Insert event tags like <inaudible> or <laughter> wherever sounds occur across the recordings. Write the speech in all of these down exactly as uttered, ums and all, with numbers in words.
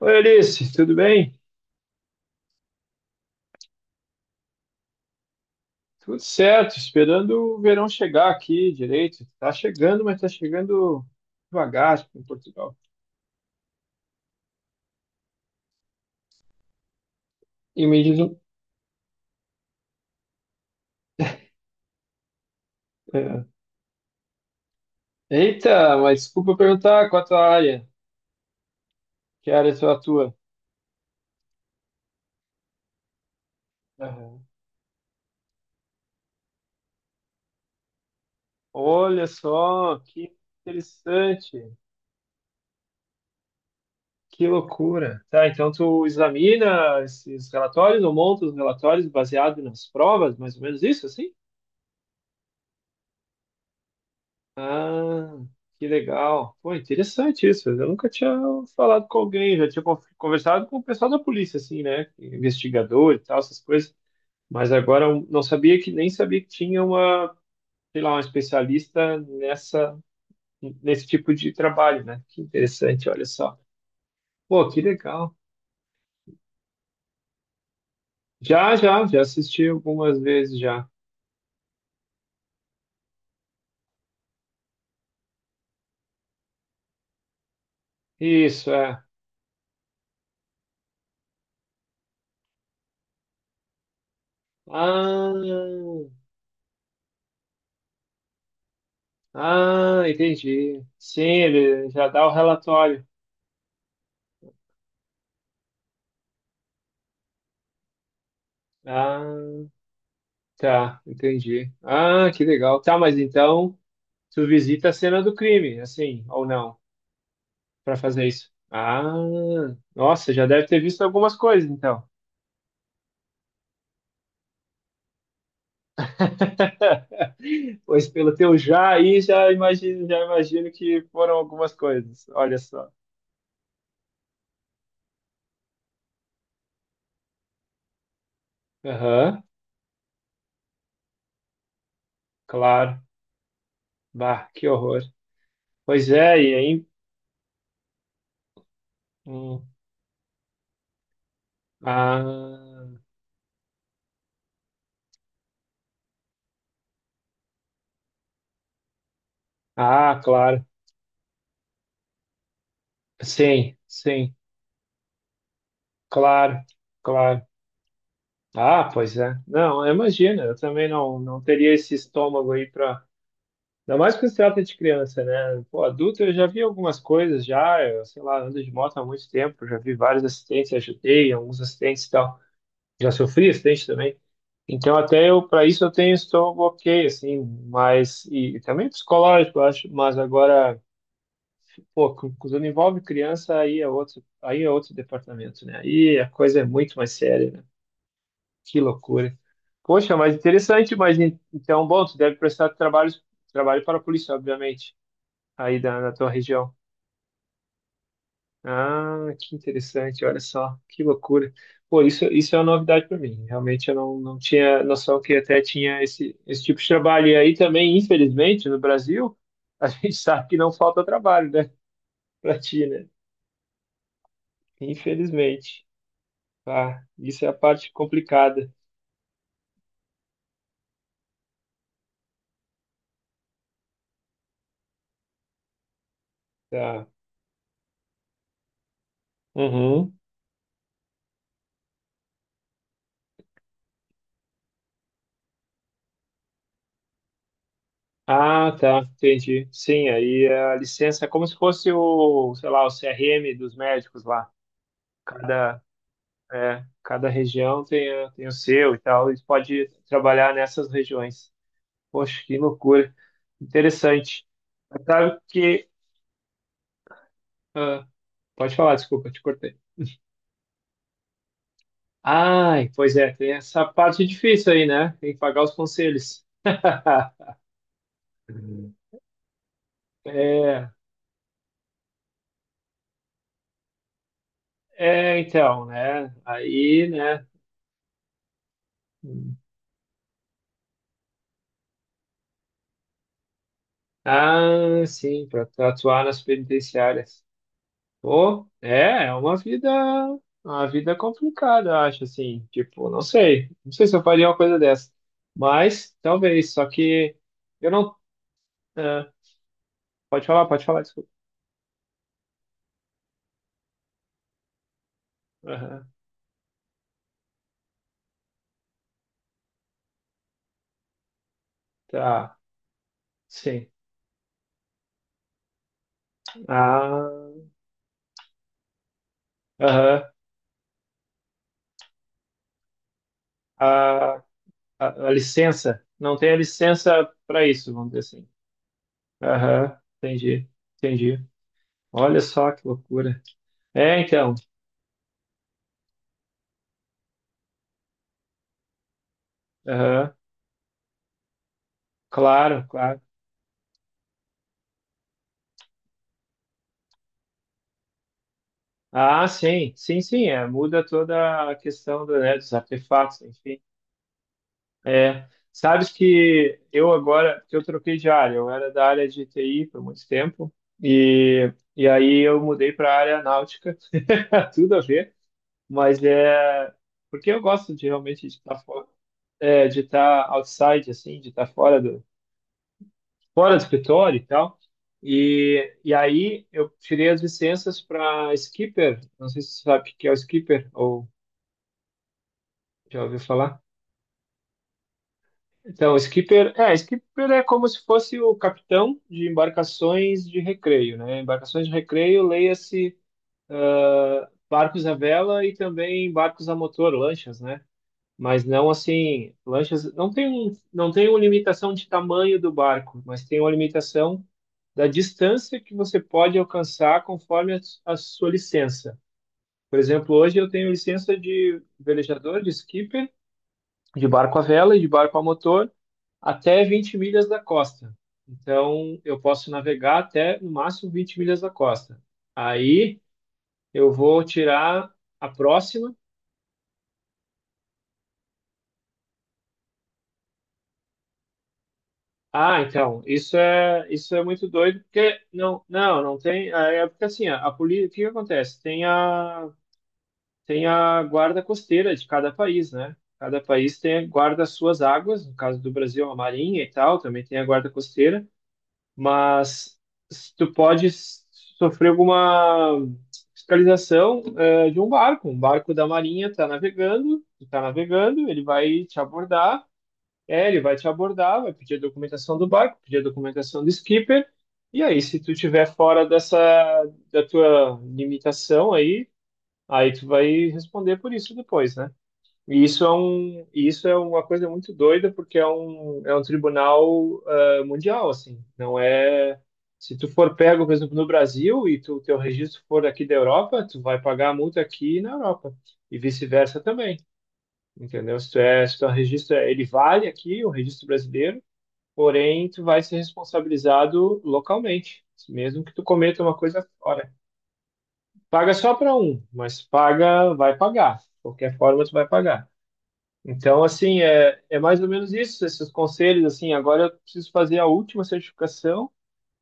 Oi, Alice, tudo bem? Tudo certo, esperando o verão chegar aqui direito. Tá chegando, mas tá chegando devagar tipo, em Portugal. E me diz, um- é. Eita, mas desculpa perguntar qual a tua área, que área tu atua? Aham. Olha só, que interessante, que loucura. Tá, então tu examina esses relatórios ou monta os relatórios baseado nas provas, mais ou menos isso, assim? Ah, que legal. Pô, interessante isso. Eu nunca tinha falado com alguém, já tinha con- conversado com o pessoal da polícia, assim, né? Investigador e tal, essas coisas. Mas agora eu não sabia que nem sabia que tinha uma, sei lá, uma especialista nessa, nesse tipo de trabalho, né? Que interessante, olha só. Pô, que legal. Já, já, já assisti algumas vezes já. Isso, é. Ah, ah, entendi. Sim, ele já dá o relatório. Ah. Tá, entendi. Ah, que legal. Tá, mas então tu visita a cena do crime, assim, ou não, para fazer isso. Ah, nossa, já deve ter visto algumas coisas, então. <laughs> Pois pelo teu já aí, já imagino, já imagino que foram algumas coisas. Olha só. Aham, claro. Bah, que horror. Pois é, e aí? Hum, ah, ah, claro. Sim, sim, claro, claro. Ah, pois é. Não, imagina, eu também não, não teria esse estômago aí para. Ainda mais quando se trata de criança, né? Pô, adulto eu já vi algumas coisas já, eu, sei lá, ando de moto há muito tempo, já vi vários acidentes, ajudei, alguns acidentes e tal. Já sofri acidente também. Então até eu, para isso eu tenho estômago ok, assim, mas e, e também psicológico, eu acho, mas agora, pô, cu- quando envolve criança aí é outro, aí é outro departamento, né? Aí a coisa é muito mais séria, né? Que loucura. Poxa, mas interessante, mas en- então, bom, tu deve prestar trabalho trabalho para a polícia, obviamente, aí da, na tua região. Ah, que interessante, olha só, que loucura. Pô, isso, isso é uma novidade para mim. Realmente eu não, não tinha noção que até tinha esse, esse tipo de trabalho. E aí também, infelizmente, no Brasil, a <laughs> gente sabe que não falta trabalho, né? <laughs> Para ti, né? Infelizmente. Tá, isso é a parte complicada. Tá. Uhum. Ah, tá, entendi. Sim, aí é a licença é como se fosse o, sei lá, o C R M dos médicos lá. Cada, é, cada região tem, a- tem o seu e tal. Eles podem trabalhar nessas regiões. Poxa, que loucura. Interessante. Mas Sabe que. Ah, pode falar, desculpa, eu te cortei. Ai, pois é, tem essa parte difícil aí, né? Tem que pagar os conselhos. <laughs> É, é, então, né? Aí, né? Ah, sim, para atuar nas penitenciárias. Pô, é, é uma vida, uma vida complicada, acho assim. Tipo, não sei, não sei se eu faria uma coisa dessa, mas talvez. Só que eu não. Ah, pode falar, pode falar, desculpa. Aham, tá, sim. Ah, aham, a, a, a licença. Não tem a licença para isso, vamos dizer assim. Aham, entendi, entendi. Olha só que loucura. É, então. Aham, claro, claro. Ah, sim, sim, sim, é, muda toda a questão do, né, dos artefatos, enfim. É, sabes que eu agora, que eu troquei de área, eu era da área de T I por muito tempo, e, e aí eu mudei para a área náutica, <laughs> tudo a ver, mas é porque eu gosto de realmente de estar fora, é, de estar outside, assim, de estar fora do, fora do escritório e tal. E, e aí eu tirei as licenças para skipper, não sei se você sabe o que é o skipper, ou já ouviu falar? Então, skipper, é, skipper é como se fosse o capitão de embarcações de recreio, né? Embarcações de recreio, leia-se ah, barcos à vela e também barcos a motor, lanchas, né? Mas não assim, lanchas não tem um, não tem uma limitação de tamanho do barco, mas tem uma limitação da distância que você pode alcançar conforme a, a sua licença. Por exemplo, hoje eu tenho licença de velejador, de skipper, de barco à vela e de barco a motor. Até vinte milhas da costa. Então, eu posso navegar até no máximo vinte milhas da costa. Aí eu vou tirar a próxima. Ah, então, isso é isso é muito doido, porque não, não, não tem, é é porque assim, a, a polícia, o que que acontece? Tem a tem a guarda costeira de cada país, né? Cada país tem guarda as suas águas, no caso do Brasil, a Marinha e tal, também tem a guarda costeira. Mas tu pode s- sofrer alguma fiscalização eh, de um barco. Um barco da Marinha está navegando, está navegando, ele vai te abordar, é, ele vai te abordar, vai pedir a documentação do barco, pedir a documentação do skipper, e aí, se tu tiver fora dessa, da tua limitação aí, aí tu vai responder por isso depois, né? E isso é um, isso é uma coisa muito doida, porque é um, é um tribunal ah, mundial, assim. Não é. Se tu for pego, por exemplo, no Brasil e tu, teu registro for aqui da Europa, tu vai pagar a multa aqui na Europa. E vice-versa também, entendeu? Se tu é, se teu registro, é- ele vale aqui, o registro brasileiro, porém tu vai ser responsabilizado localmente, mesmo que tu cometa uma coisa fora. Paga só para um, mas paga, vai pagar. De qualquer forma, tu vai pagar. Então, assim, é, é mais ou menos isso, esses conselhos, assim, agora eu preciso fazer a última certificação,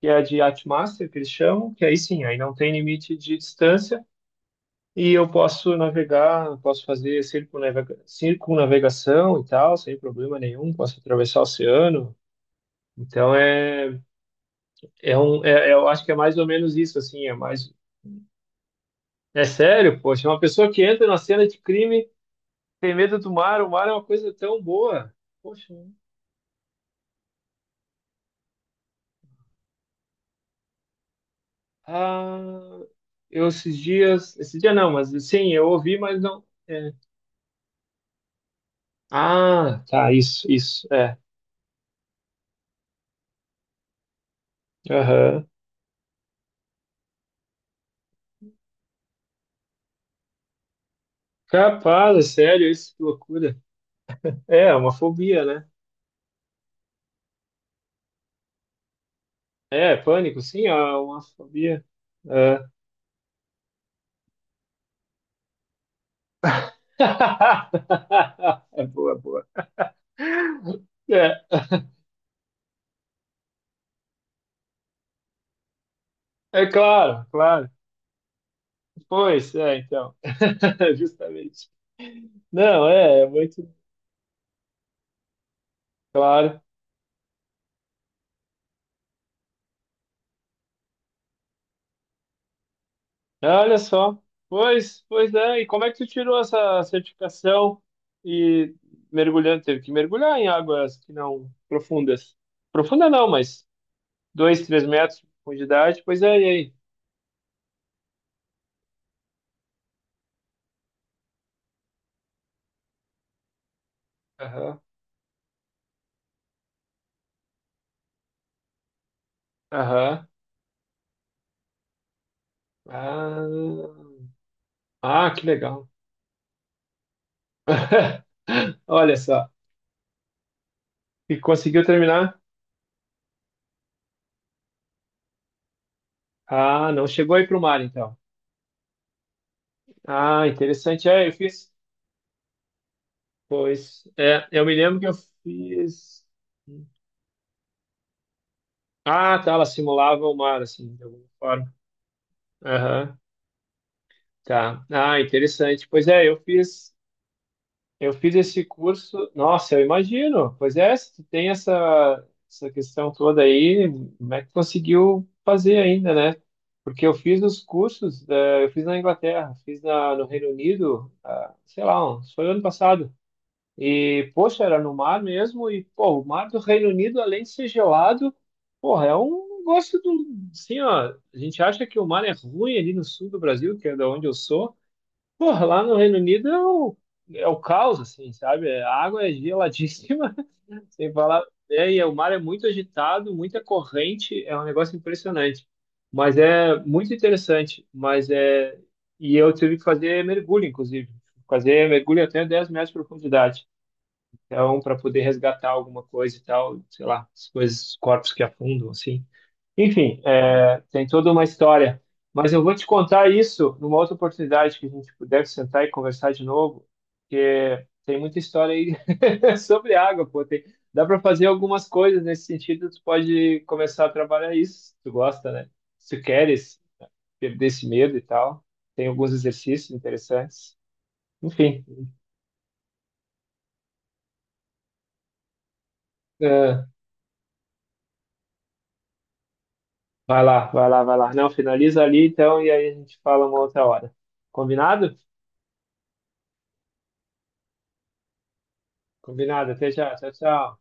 que é a de Yachtmaster, que eles chamam, que aí sim, aí não tem limite de distância, e eu posso navegar, posso fazer circunnavega- circunnavegação e tal, sem problema nenhum, posso atravessar o oceano, então é, é um, é- é, eu acho que é mais ou menos isso, assim, é mais, é sério, poxa, uma pessoa que entra na cena de crime tem medo do mar, o mar é uma coisa tão boa, poxa, ah... Eu esses dias, esse dia não, mas sim, eu ouvi, mas não. É. Ah, tá, isso, isso, é. Aham. Capaz, é sério, isso, que loucura. É, é uma fobia, né? É, pânico, sim, é uma fobia. É. <laughs> É boa, boa. É, é claro, claro. Pois, é, então. <laughs> Justamente. Não, é, é muito claro. Olha só. Pois, pois é. E como é que tu tirou essa certificação e mergulhando, teve que mergulhar em águas que não profundas? Profunda não, mas dois, três metros de profundidade. Pois é, e aí? Aham, aham. Ah, ah, que legal. <laughs> Olha só. E conseguiu terminar? Ah, não chegou aí para o mar, então. Ah, interessante. É, eu fiz. Pois, é, eu me lembro que eu fiz. Ah, tá, ela simulava o mar, assim, de alguma forma. Aham, tá. Ah, interessante. Pois é, eu fiz, eu fiz esse curso. Nossa, eu imagino. Pois é, se tu tem essa, essa questão toda aí, como é que tu conseguiu fazer ainda, né? Porque eu fiz os cursos, eh, eu fiz na Inglaterra, fiz na, no Reino Unido, ah, sei lá, uns- foi ano passado. E, poxa, era no mar mesmo. E, pô, o mar do Reino Unido, além de ser gelado, porra, é um negócio do. Assim, ó, a gente acha que o mar é ruim ali no sul do Brasil, que é da onde eu sou. Porra, lá no Reino Unido é o, é o, caos, assim, sabe? A água é geladíssima, <laughs> sem falar. É, e o mar é muito agitado, muita corrente, é um negócio impressionante. Mas é muito interessante. Mas é. E eu tive que fazer mergulho, inclusive. Fazer mergulho até dez metros de profundidade. Então, para poder resgatar alguma coisa e tal, sei lá, as coisas, corpos que afundam, assim. Enfim, é, tem toda uma história. Mas eu vou te contar isso numa outra oportunidade que a gente puder sentar e conversar de novo, porque tem muita história aí <laughs> sobre água, pô. Tem, dá para fazer algumas coisas nesse sentido, tu pode começar a trabalhar isso, se tu gosta, né? Se tu queres perder esse medo e tal. Tem alguns exercícios interessantes. Enfim, é, vai lá, vai lá, vai lá. Não, finaliza ali então e aí a gente fala uma outra hora. Combinado? Combinado. Até já. Tchau, tchau.